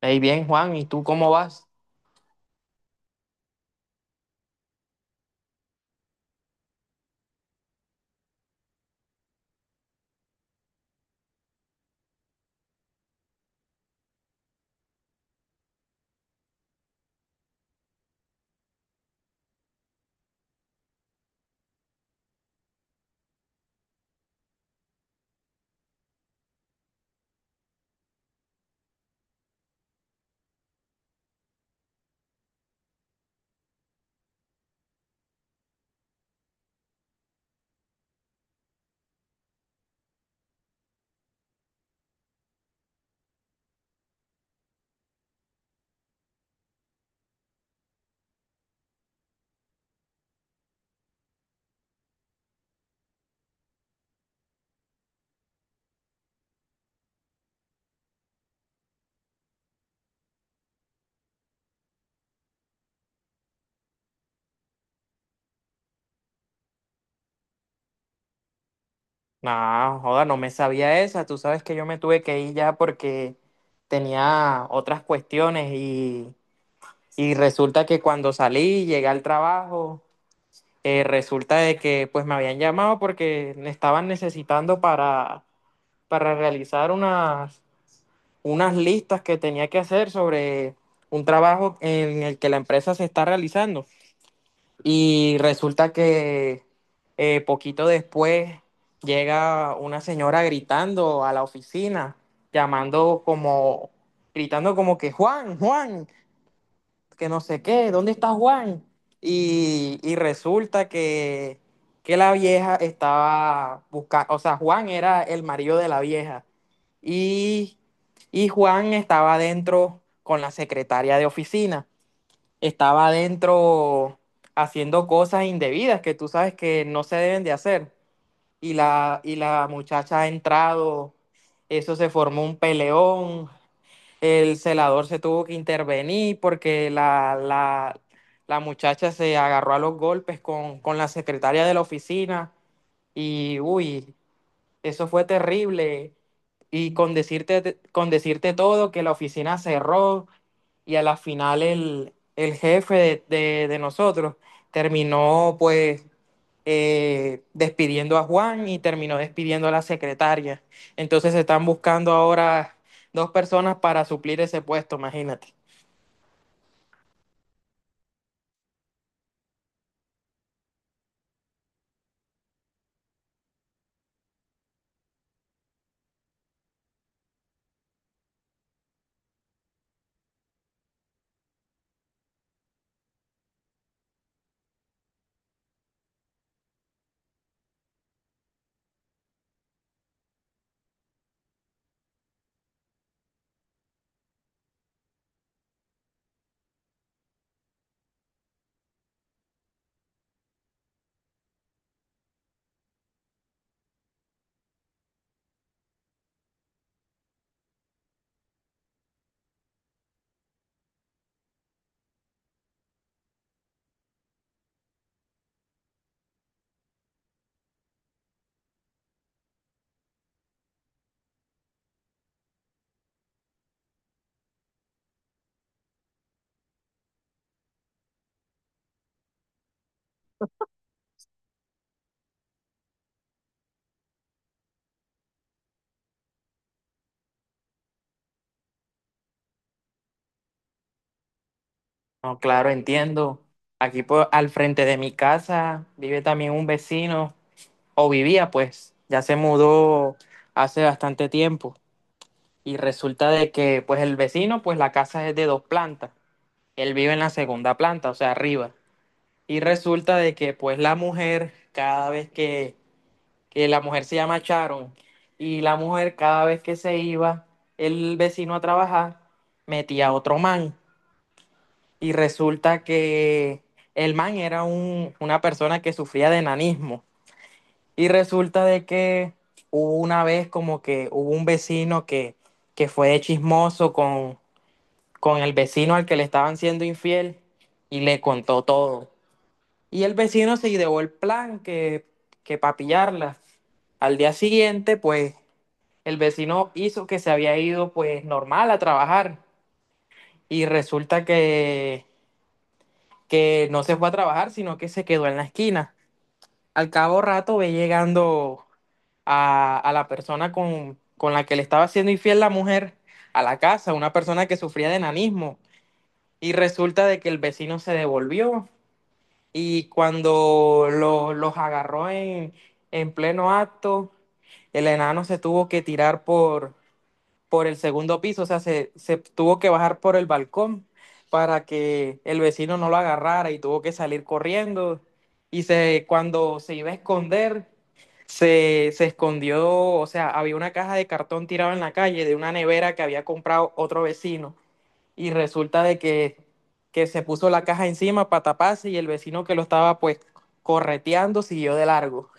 Hey, bien, Juan, ¿y tú cómo vas? Nah, joda, no me sabía esa. Tú sabes que yo me tuve que ir ya porque tenía otras cuestiones y resulta que cuando salí, llegué al trabajo, resulta de que pues me habían llamado porque me estaban necesitando para realizar unas listas que tenía que hacer sobre un trabajo en el que la empresa se está realizando. Y resulta que poquito después llega una señora gritando a la oficina, llamando como, gritando como que Juan, Juan, que no sé qué, ¿dónde está Juan? Y resulta que la vieja estaba buscando, o sea, Juan era el marido de la vieja y, y Juan estaba adentro con la secretaria de oficina, estaba adentro haciendo cosas indebidas que tú sabes que no se deben de hacer. Y la muchacha ha entrado, eso se formó un peleón, el celador se tuvo que intervenir porque la muchacha se agarró a los golpes con la secretaria de la oficina y uy, eso fue terrible. Con decirte todo, que la oficina cerró y a la final el jefe de nosotros terminó pues despidiendo a Juan y terminó despidiendo a la secretaria. Entonces se están buscando ahora dos personas para suplir ese puesto, imagínate. No, claro, entiendo. Aquí al frente de mi casa vive también un vecino, o vivía pues, ya se mudó hace bastante tiempo. Y resulta de que pues el vecino, pues la casa es de dos plantas. Él vive en la segunda planta, o sea, arriba. Y resulta de que pues la mujer, que la mujer se llama Sharon, y la mujer cada vez que se iba el vecino a trabajar, metía a otro man. Y resulta que el man era una persona que sufría de enanismo. Y resulta de que hubo una vez como que hubo un vecino que fue de chismoso con el vecino al que le estaban siendo infiel y le contó todo. Y el vecino se ideó el plan que para pillarla. Al día siguiente, pues, el vecino hizo que se había ido, pues, normal a trabajar. Y resulta que no se fue a trabajar, sino que se quedó en la esquina. Al cabo rato ve llegando a la persona con la que le estaba siendo infiel la mujer a la casa, una persona que sufría de enanismo. Y resulta de que el vecino se devolvió. Y cuando los agarró en pleno acto, el enano se tuvo que tirar por el segundo piso, o sea, se tuvo que bajar por el balcón para que el vecino no lo agarrara y tuvo que salir corriendo. Cuando se iba a esconder, se escondió, o sea, había una caja de cartón tirada en la calle de una nevera que había comprado otro vecino y resulta de que se puso la caja encima para taparse y el vecino que lo estaba pues correteando siguió de largo.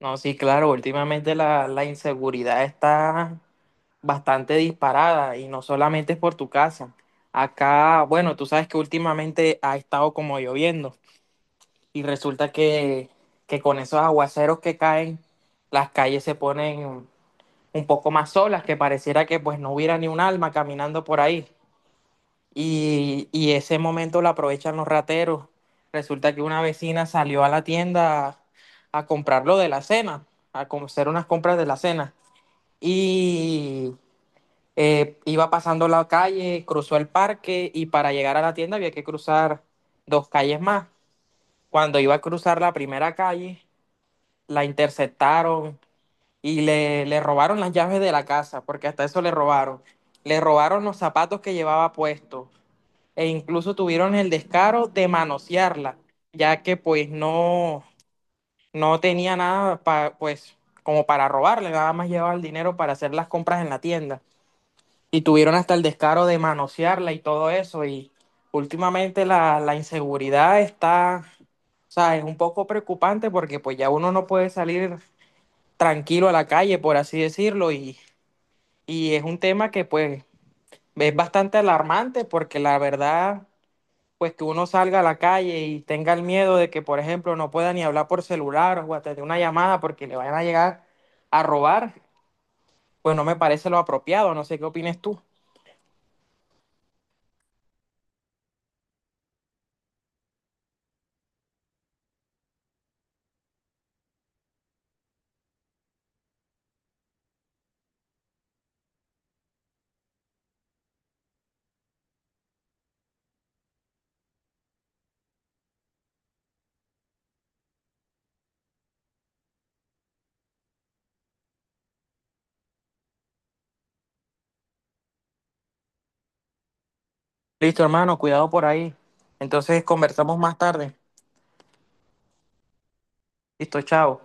No, sí, claro, últimamente la inseguridad está bastante disparada y no solamente es por tu casa. Acá, bueno, tú sabes que últimamente ha estado como lloviendo y resulta que con esos aguaceros que caen, las calles se ponen un poco más solas, que pareciera que pues no hubiera ni un alma caminando por ahí. Y y ese momento lo aprovechan los rateros. Resulta que una vecina salió a la tienda a comprar lo de la cena, hacer unas compras de la cena. Y iba pasando la calle, cruzó el parque y para llegar a la tienda había que cruzar dos calles más. Cuando iba a cruzar la primera calle, la interceptaron y le robaron las llaves de la casa, porque hasta eso le robaron. Le robaron los zapatos que llevaba puestos e incluso tuvieron el descaro de manosearla, ya que pues no tenía nada pues como para robarle, nada más llevaba el dinero para hacer las compras en la tienda. Y tuvieron hasta el descaro de manosearla y todo eso. Y últimamente la inseguridad está, o sea, es un poco preocupante porque pues ya uno no puede salir tranquilo a la calle, por así decirlo. Y es un tema que pues es bastante alarmante porque la verdad pues que uno salga a la calle y tenga el miedo de que, por ejemplo, no pueda ni hablar por celular o atender una llamada porque le vayan a llegar a robar, pues no me parece lo apropiado. No sé qué opines tú. Listo, hermano, cuidado por ahí. Entonces conversamos más tarde. Listo, chao.